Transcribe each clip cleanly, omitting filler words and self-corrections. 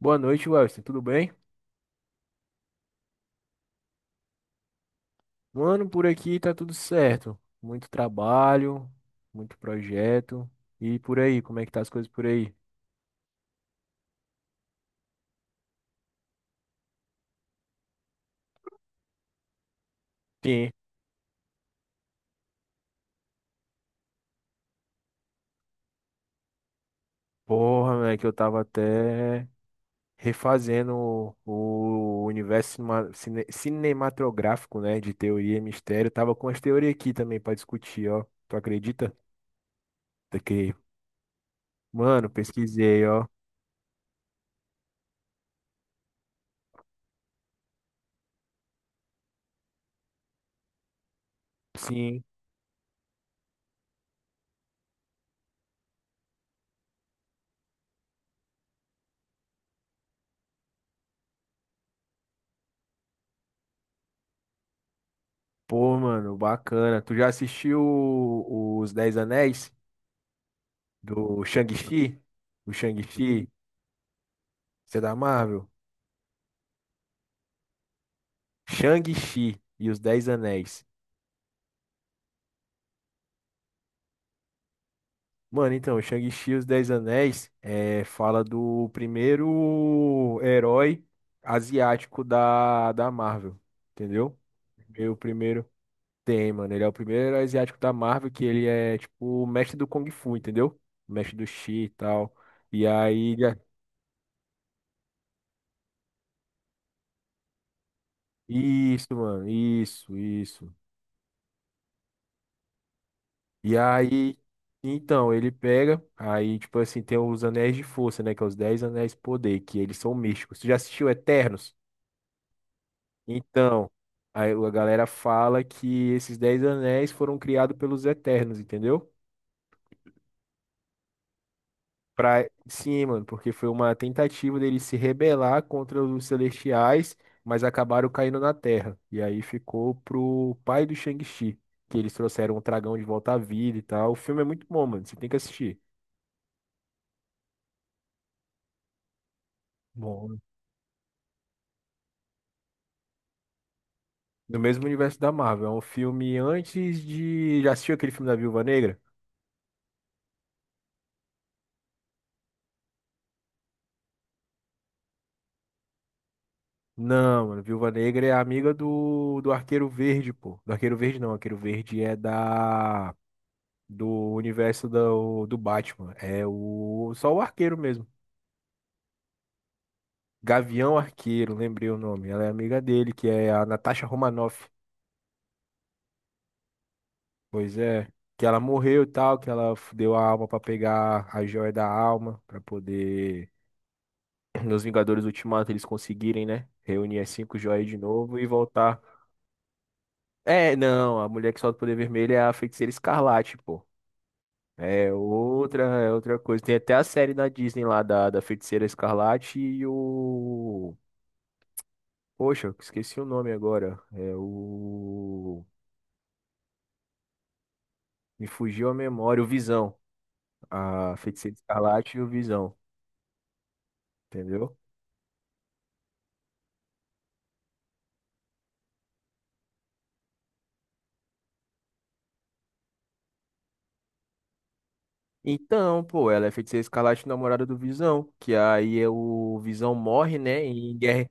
Boa noite, Wellington. Tudo bem? Mano, por aqui tá tudo certo. Muito trabalho, muito projeto. E por aí, como é que tá as coisas por aí? Sim. Porra, né? Que eu tava até refazendo o universo cinematográfico, né? De teoria e mistério. Tava com as teorias aqui também pra discutir, ó. Tu acredita? Que... Mano, pesquisei, ó. Sim. Pô, mano, bacana. Tu já assistiu os Dez Anéis? Do Shang-Chi? O Shang-Chi? Você é da Marvel? Shang-Chi e os Dez Anéis. Mano, então, o Shang-Chi e os Dez Anéis é, fala do primeiro herói asiático da Marvel, entendeu? Ele é O primeiro tem, mano. Ele é o primeiro herói asiático da Marvel que ele é, tipo, o mestre do Kung Fu, entendeu? O mestre do Chi e tal. E aí, Isso, mano. Isso, isso. E aí, então, ele pega, aí, tipo assim, tem os anéis de força, né? Que é os 10 anéis de poder, que eles são místicos. Tu já assistiu Eternos? Então, aí a galera fala que esses 10 anéis foram criados pelos Eternos, entendeu? Sim, mano, porque foi uma tentativa deles se rebelar contra os Celestiais, mas acabaram caindo na Terra. E aí ficou pro pai do Shang-Chi, que eles trouxeram o dragão de volta à vida e tal. O filme é muito bom, mano, você tem que assistir. Bom. No mesmo universo da Marvel. É um filme antes de. Já assistiu aquele filme da Viúva Negra? Não, mano. Viúva Negra é amiga do Arqueiro Verde, pô. Do Arqueiro Verde não. Arqueiro Verde é da. Do universo do Batman. É o. Só o Arqueiro mesmo. Gavião Arqueiro, lembrei o nome. Ela é amiga dele, que é a Natasha Romanoff. Pois é. Que ela morreu e tal, que deu a alma pra pegar a joia da alma, pra poder nos Vingadores Ultimato eles conseguirem, né? Reunir as cinco joias de novo e voltar. É, não, a mulher que solta o poder vermelho é a Feiticeira Escarlate, pô. É outra coisa. Tem até a série da Disney lá da Feiticeira Escarlate e o. Poxa, eu esqueci o nome agora. É o. Me fugiu a memória, o Visão. A Feiticeira Escarlate e o Visão, entendeu? Então, pô, ela é feiticeira escarlate namorada do Visão, que aí é o Visão morre, né, em guerra.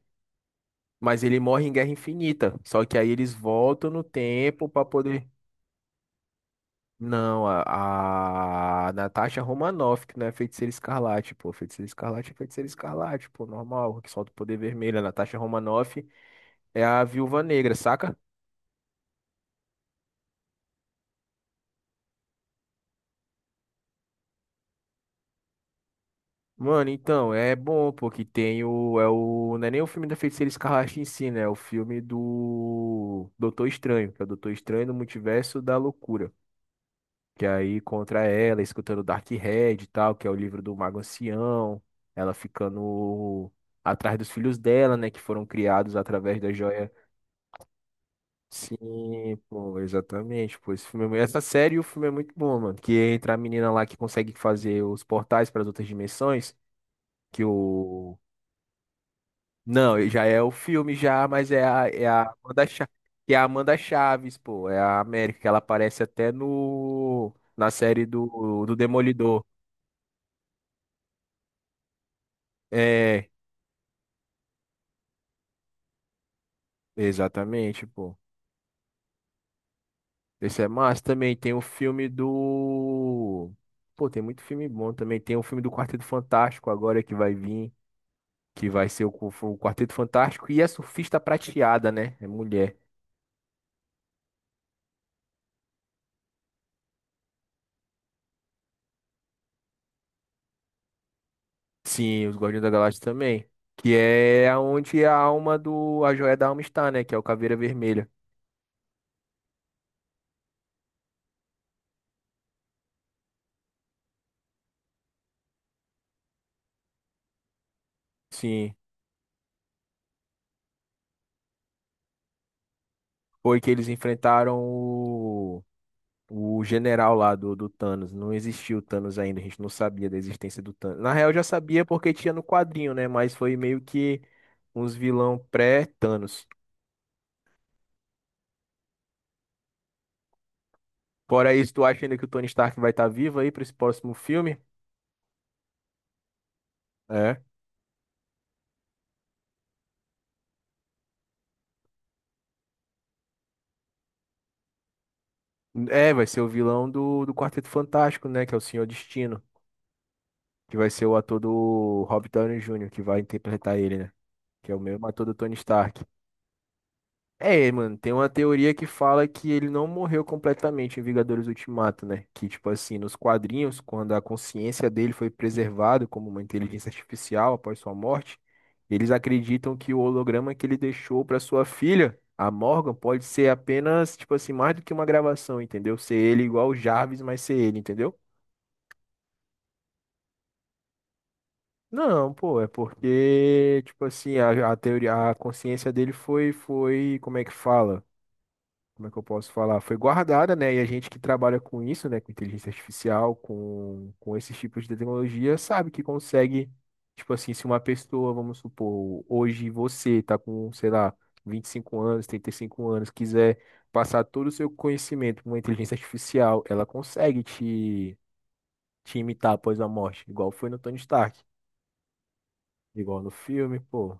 Mas ele morre em Guerra Infinita. Só que aí eles voltam no tempo pra poder. Não, a Natasha Romanoff, que não é Feiticeira Escarlate, pô. Feiticeira Escarlate é Feiticeira Escarlate, pô. Normal, que solta o poder vermelho. A Natasha Romanoff é a Viúva Negra, saca? Mano, então, é bom, pô, que tem o, é o. Não é nem o filme da Feiticeira Escarlate em si, né? É o filme do Doutor Estranho, que é o Doutor Estranho no Multiverso da Loucura. Que é aí contra ela, escutando Dark Red e tal, que é o livro do Mago Ancião, ela ficando atrás dos filhos dela, né, que foram criados através da joia. Sim, pô, exatamente, pô, esse filme, é essa série e o filme é muito bom, mano, que entra a menina lá que consegue fazer os portais para as outras dimensões, que o Não, já é o filme já, mas é a que é a Amanda Chaves, pô, é a América, que ela aparece até no na série do do Demolidor. É, exatamente, pô. Esse é massa. Também tem o filme do. Pô, tem muito filme bom também. Tem o filme do Quarteto Fantástico agora que vai vir. Que vai ser o, o Quarteto Fantástico. E a surfista prateada, né? É mulher. Sim, os Guardiões da Galáxia também. Que é onde a alma do. A joia da alma está, né? Que é o Caveira Vermelha. Sim. Foi que eles enfrentaram o. O general lá do Thanos, não existia o Thanos ainda, a gente não sabia da existência do Thanos. Na real, já sabia porque tinha no quadrinho, né? Mas foi meio que uns vilão pré-Thanos. Fora isso, tu acha ainda que o Tony Stark vai estar vivo aí pra esse próximo filme? É. É, vai ser o vilão do Quarteto Fantástico, né? Que é o Senhor Destino, que vai ser o ator do Robert Downey Jr., que vai interpretar ele, né? Que é o mesmo ator do Tony Stark. É, mano, tem uma teoria que fala que ele não morreu completamente em Vingadores Ultimato, né? Que, tipo assim, nos quadrinhos, quando a consciência dele foi preservada como uma inteligência artificial após sua morte, eles acreditam que o holograma que ele deixou pra sua filha, a Morgan, pode ser apenas, tipo assim, mais do que uma gravação, entendeu? Ser ele igual o Jarvis, mas ser ele, entendeu? Não, pô, é porque, tipo assim, a teoria, a consciência dele foi, como é que fala? Como é que eu posso falar? Foi guardada, né? E a gente que trabalha com isso, né? Com inteligência artificial, com esses tipos de tecnologia, sabe que consegue, tipo assim, se uma pessoa, vamos supor, hoje você tá com, sei lá, 25 anos, 35 anos, quiser passar todo o seu conhecimento com uma inteligência artificial, ela consegue te, te imitar após a morte, igual foi no Tony Stark, igual no filme, pô.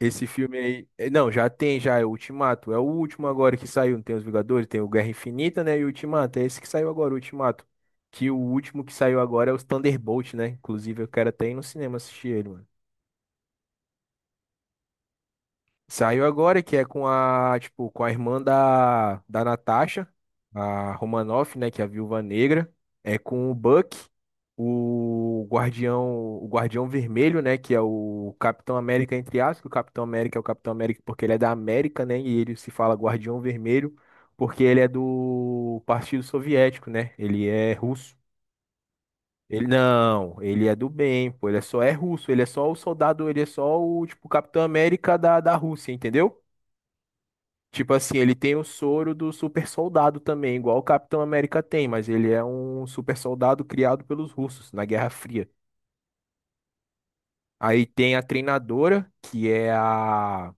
Esse filme aí, não, já tem, já é o Ultimato. É o último agora que saiu. Não tem os Vingadores, tem o Guerra Infinita, né? E o Ultimato. É esse que saiu agora, o Ultimato. Que o último que saiu agora é os Thunderbolt, né? Inclusive, eu quero até ir no cinema assistir ele, mano. Saiu agora, que é com a, tipo, com a irmã da Natasha, a Romanoff, né, que é a Viúva Negra. É com o Buck, o Guardião, o Guardião Vermelho, né, que é o Capitão América, entre aspas, que o Capitão América é o Capitão América porque ele é da América, né, e ele se fala Guardião Vermelho porque ele é do Partido Soviético, né, ele é russo. Ele não, ele é do bem, pô, ele só é russo, ele é só o soldado, ele é só o, tipo, Capitão América da Rússia, entendeu? Tipo assim, ele tem o soro do super soldado também, igual o Capitão América tem, mas ele é um super soldado criado pelos russos na Guerra Fria. Aí tem a treinadora, que é a.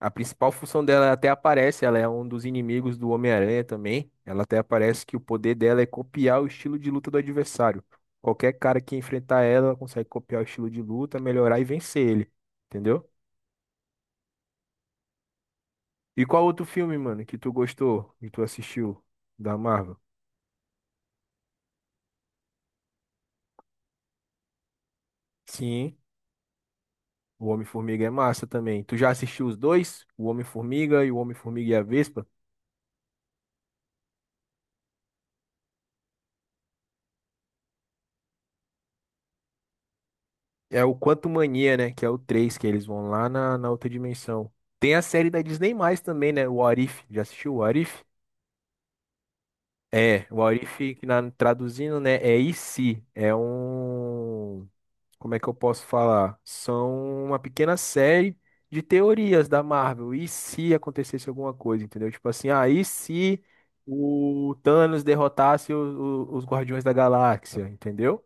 A principal função dela até aparece, ela é um dos inimigos do Homem-Aranha também. Ela até aparece que o poder dela é copiar o estilo de luta do adversário. Qualquer cara que enfrentar ela, ela consegue copiar o estilo de luta, melhorar e vencer ele. Entendeu? E qual outro filme, mano, que tu gostou, e tu assistiu da Marvel? Sim. O Homem-Formiga é massa também. Tu já assistiu os dois? O Homem-Formiga e a Vespa? É o Quantumania, né? Que é o 3 que eles vão lá na outra dimensão. Tem a série da Disney mais também, né? O What If. Já assistiu o What If? É, o What If, que na, traduzindo, né? É E se. É um. Como é que eu posso falar? São uma pequena série de teorias da Marvel. E se acontecesse alguma coisa, entendeu? Tipo assim, ah, e se o Thanos derrotasse os Guardiões da Galáxia, entendeu?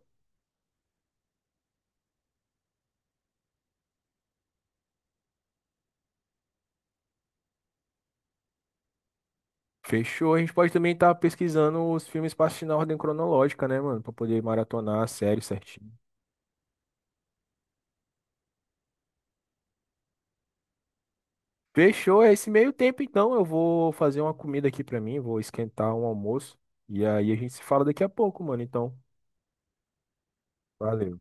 Fechou. A gente pode também estar pesquisando os filmes para assistir na ordem cronológica, né, mano? Pra poder maratonar a série certinho. Fechou. É esse meio tempo, então. Eu vou fazer uma comida aqui pra mim, vou esquentar um almoço. E aí a gente se fala daqui a pouco, mano. Então, valeu.